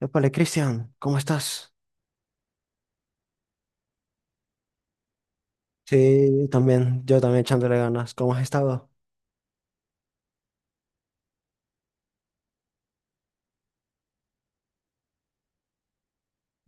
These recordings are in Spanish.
Épale, Cristian, ¿cómo estás? Sí, también, yo también echándole ganas. ¿Cómo has estado?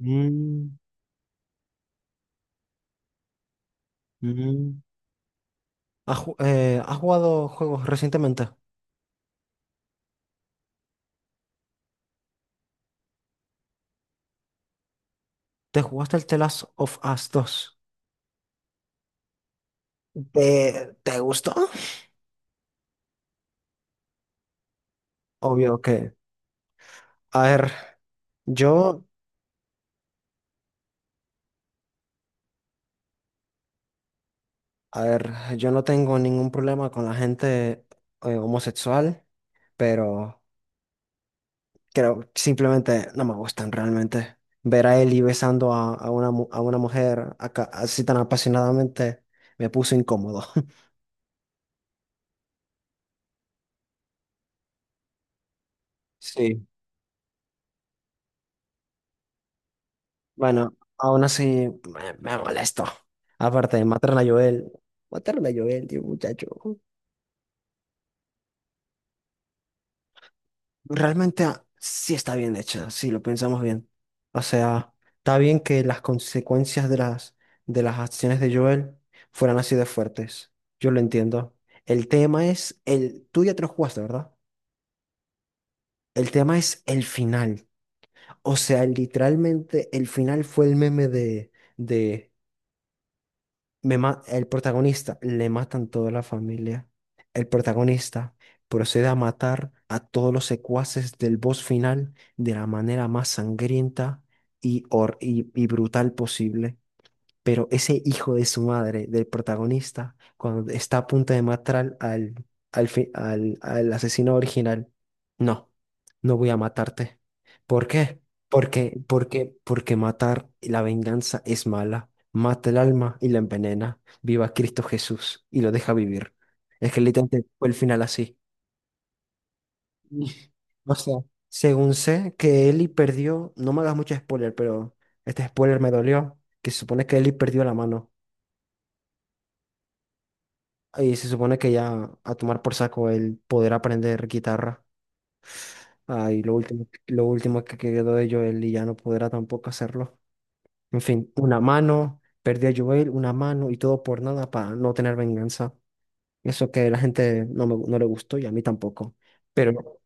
Mm. Mm. ¿Has jugado juegos recientemente? ¿Te jugaste el The Last of Us dos? ¿Te gustó? Obvio que, a ver, yo, a ver, yo no tengo ningún problema con la gente homosexual, pero creo que simplemente no me gustan realmente. Ver a Ellie besando a una mujer acá, así tan apasionadamente me puso incómodo. Sí. Bueno, aún así me molesto. Aparte, mataron a Joel. Mataron a Joel, tío, muchacho. Realmente sí está bien hecha, si lo pensamos bien. O sea, está bien que las consecuencias de las acciones de Joel fueran así de fuertes. Yo lo entiendo. El tema es, tú ya te lo jugaste, ¿verdad? El tema es el final. O sea, literalmente el final fue el meme de, el protagonista, le matan toda la familia. El protagonista procede a matar a todos los secuaces del boss final de la manera más sangrienta y brutal posible. Pero ese hijo de su madre, del protagonista, cuando está a punto de matar al asesino original, no, no voy a matarte. ¿Por qué? Porque matar y la venganza es mala. Mata el alma y la envenena. Viva Cristo Jesús y lo deja vivir. Es que literalmente fue el final así. Y- O sea, según sé que Eli perdió, no me hagas mucho spoiler, pero este spoiler me dolió, que se supone que Eli perdió la mano. Y se supone que ya a tomar por saco el poder aprender guitarra. Ah, y lo último que quedó de Joel y ya no podrá tampoco hacerlo. En fin, una mano, perdí a Joel, una mano y todo por nada para no tener venganza. Eso que la gente no le gustó y a mí tampoco. Pero,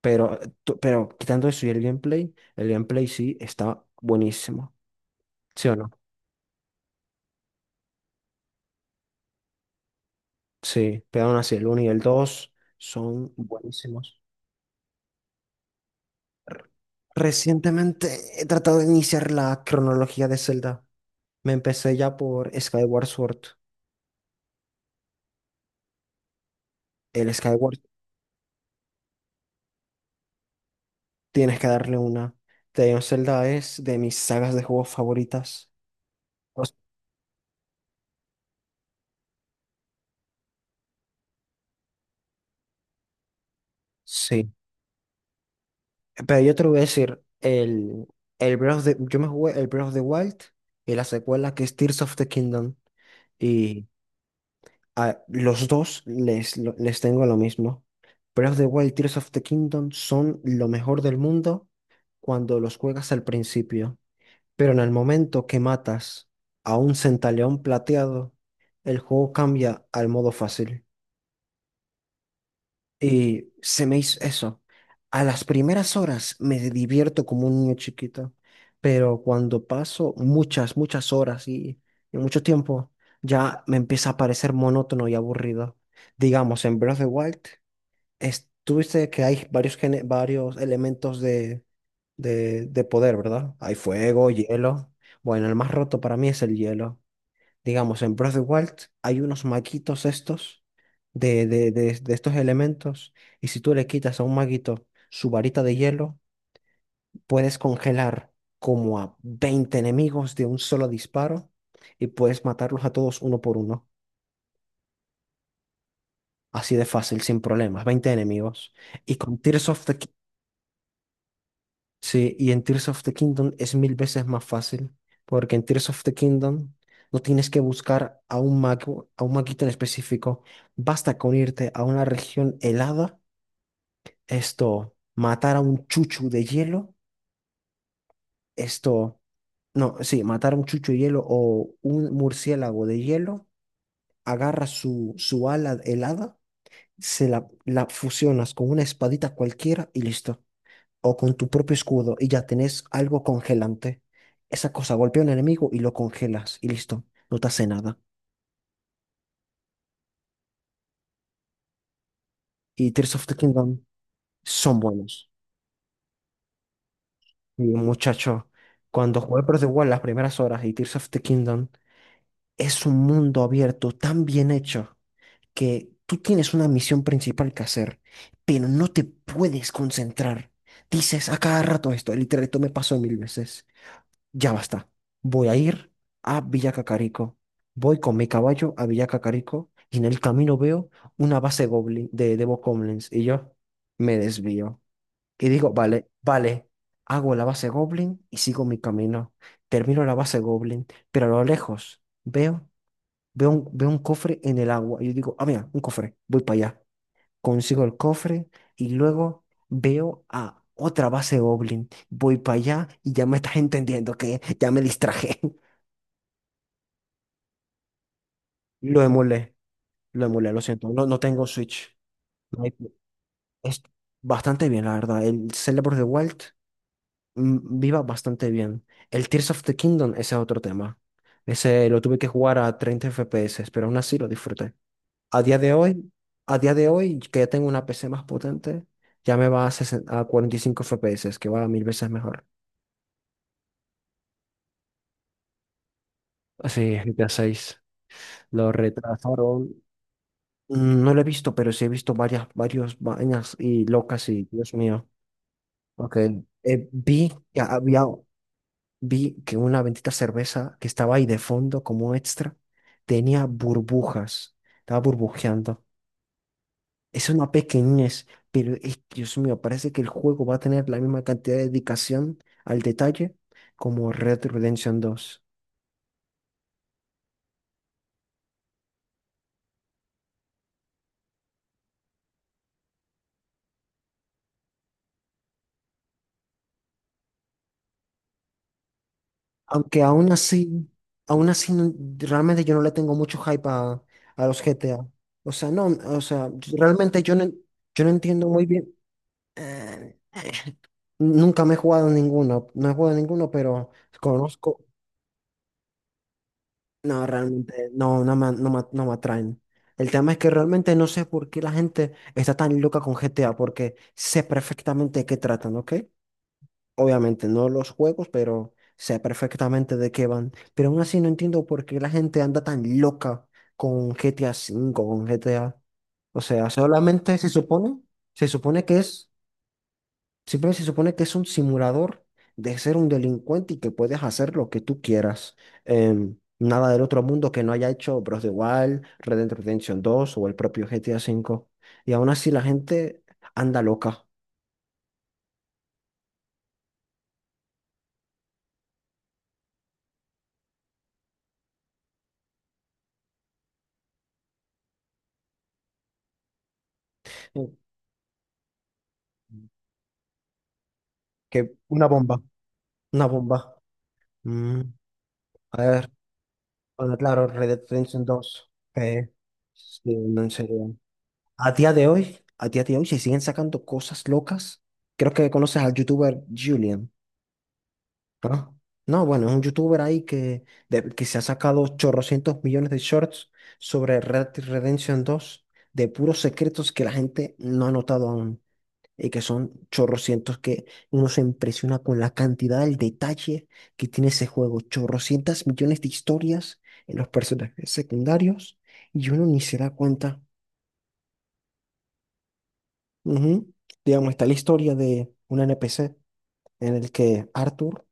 pero, pero quitando eso y el gameplay sí está buenísimo. ¿Sí o no? Sí, pero aún así el 1 y el 2 son buenísimos. Recientemente he tratado de iniciar la cronología de Zelda. Me empecé ya por Skyward Sword. El Skyward Tienes que darle una. The of Zelda es de mis sagas de juegos favoritas. O s- sí. Pero yo te lo voy a decir, el Breath of the- yo me jugué el Breath of the Wild y la secuela que es Tears of the Kingdom. Y a los dos les tengo lo mismo. Breath of the Wild y Tears of the Kingdom son lo mejor del mundo cuando los juegas al principio. Pero en el momento que matas a un centaleón plateado, el juego cambia al modo fácil. Y se me hizo eso. A las primeras horas me divierto como un niño chiquito, pero cuando paso muchas, muchas horas y mucho tiempo, ya me empieza a parecer monótono y aburrido. Digamos, en Breath of the Wild, tuviste que hay varios elementos de poder, ¿verdad? Hay fuego, hielo. Bueno, el más roto para mí es el hielo. Digamos, en Breath of the Wild hay unos maquitos estos de estos elementos y si tú le quitas a un maguito su varita de hielo, puedes congelar como a 20 enemigos de un solo disparo y puedes matarlos a todos uno por uno. Así de fácil, sin problemas, 20 enemigos. Y con Tears of the Sí, y en Tears of the Kingdom es mil veces más fácil, porque en Tears of the Kingdom no tienes que buscar a un mago, a un maguito en específico. Basta con irte a una región helada, esto, matar a un chuchu de hielo, esto, no, sí, matar a un chuchu de hielo o un murciélago de hielo, agarras su ala helada, se la fusionas con una espadita cualquiera y listo. O con tu propio escudo y ya tenés algo congelante. Esa cosa golpea a un enemigo y lo congelas y listo, no te hace nada. Y Tears of the Kingdom son buenos. Y muchacho, cuando jugué Breath of the Wild las primeras horas y Tears of the Kingdom es un mundo abierto tan bien hecho que tú tienes una misión principal que hacer, pero no te puedes concentrar. Dices a cada rato esto, literal, esto me pasó mil veces. Ya basta. Voy a ir a Villa Cacarico. Voy con mi caballo a Villa Cacarico y en el camino veo una base goblin de bokoblins y yo me desvío. Y digo, vale, vale, hago la base goblin y sigo mi camino. Termino la base goblin, pero a lo lejos veo, veo un cofre en el agua y yo digo, ah, mira, un cofre, voy para allá, consigo el cofre y luego veo a otra base Goblin. Voy para allá y ya me estás entendiendo que ya me distraje. Lo emulé, lo emulé, lo siento. No, no tengo Switch. No hay- Es bastante bien, la verdad. El Zelda Breath of the Wild viva bastante bien. El Tears of the Kingdom, ese es otro tema. Ese lo tuve que jugar a 30 FPS, pero aún así lo disfruté. A día de hoy, a día de hoy, que ya tengo una PC más potente, ya me va a, 60 a 45 FPS, que va a mil veces mejor. Sí, GTA seis. Lo retrasaron. Mm. No lo he visto, pero sí he visto varios vainas y locas y Dios mío. Ok. Eh, vi que había, vi que una bendita cerveza que estaba ahí de fondo como extra tenía burbujas. Estaba burbujeando. Es una pequeñez, pero es, Dios mío, parece que el juego va a tener la misma cantidad de dedicación al detalle como Red Dead Redemption dos. Aunque aún así, realmente yo no le tengo mucho hype a los GTA. O sea, no, o sea, realmente yo no entiendo muy bien. eh, nunca me he jugado ninguno, no he jugado ninguno, pero conozco. No, realmente no, no me atraen. El tema es que realmente no sé por qué la gente está tan loca con GTA, porque sé perfectamente de qué tratan, ¿ok? Obviamente no los juegos, pero sé perfectamente de qué van. Pero aún así no entiendo por qué la gente anda tan loca con GTA cinco con GTA. O sea, solamente se supone que es Simplemente se supone que es un simulador de ser un delincuente y que puedes hacer lo que tú quieras. Nada del otro mundo que no haya hecho Bros. De Wild, Red Dead Redemption dos o el propio GTA cinco. Y aún así la gente anda loca. Mm. Que Una bomba. Una bomba. Mm. A ver, bueno, claro, Red Dead Redemption dos, sí, no, en serio. A día de hoy, a día de hoy se siguen sacando cosas locas. Creo que conoces al youtuber Julian. Ah. No, bueno, es un youtuber ahí que se ha sacado chorrocientos millones de shorts sobre Red Dead Redemption dos de puros secretos que la gente no ha notado aún y que son chorrocientos que uno se impresiona con la cantidad, el detalle que tiene ese juego. Chorrocientas millones de historias en los personajes secundarios y uno ni se da cuenta. Ujú. Digamos, está la historia de un NPC en el que Arthur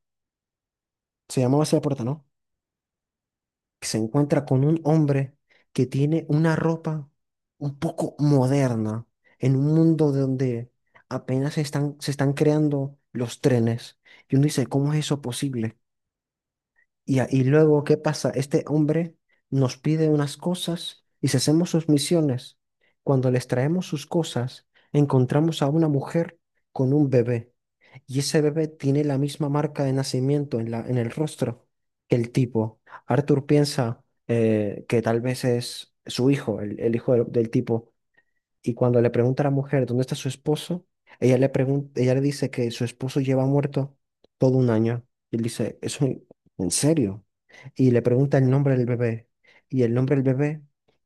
se llamaba así la puerta, ¿no?, que se encuentra con un hombre que tiene una ropa un poco moderna en un mundo donde apenas se están creando los trenes. Y uno dice, ¿cómo es eso posible? Y luego, ¿qué pasa? Este hombre nos pide unas cosas y si hacemos sus misiones, cuando les traemos sus cosas, encontramos a una mujer con un bebé. Y ese bebé tiene la misma marca de nacimiento en la, en el rostro que el tipo. Arthur piensa que tal vez es su hijo, el hijo del tipo, y cuando le pregunta a la mujer dónde está su esposo, ella le pregunta, ella le dice que su esposo lleva muerto todo un año. Y él dice, ¿eso en serio? Y le pregunta el nombre del bebé. Y el nombre del bebé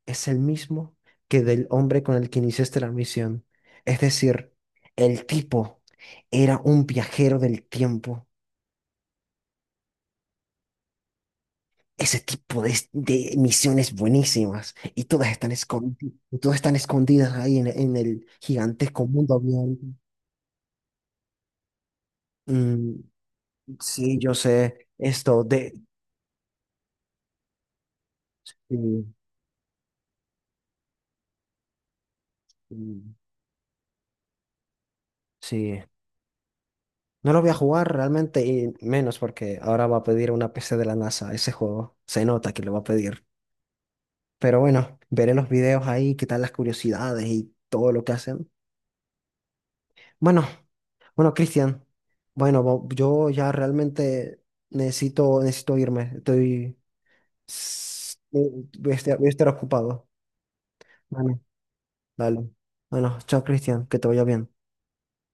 es el mismo que del hombre con el que iniciaste la misión. Es decir, el tipo era un viajero del tiempo. Ese tipo de misiones buenísimas. Y todas están escondidas ahí en el gigantesco mundo abierto. Mm. Sí, yo sé esto de... Mm. Mm. Sí, no lo voy a jugar realmente y menos porque ahora va a pedir una PC de la NASA ese juego. Se nota que lo va a pedir. Pero bueno, veré los videos ahí, qué tal las curiosidades y todo lo que hacen. Bueno, bueno, Cristian, yo ya realmente necesito irme. Estoy... s- eh, voy a estar ocupado. Bueno, dale. Bueno, chao, Cristian, que te vaya bien.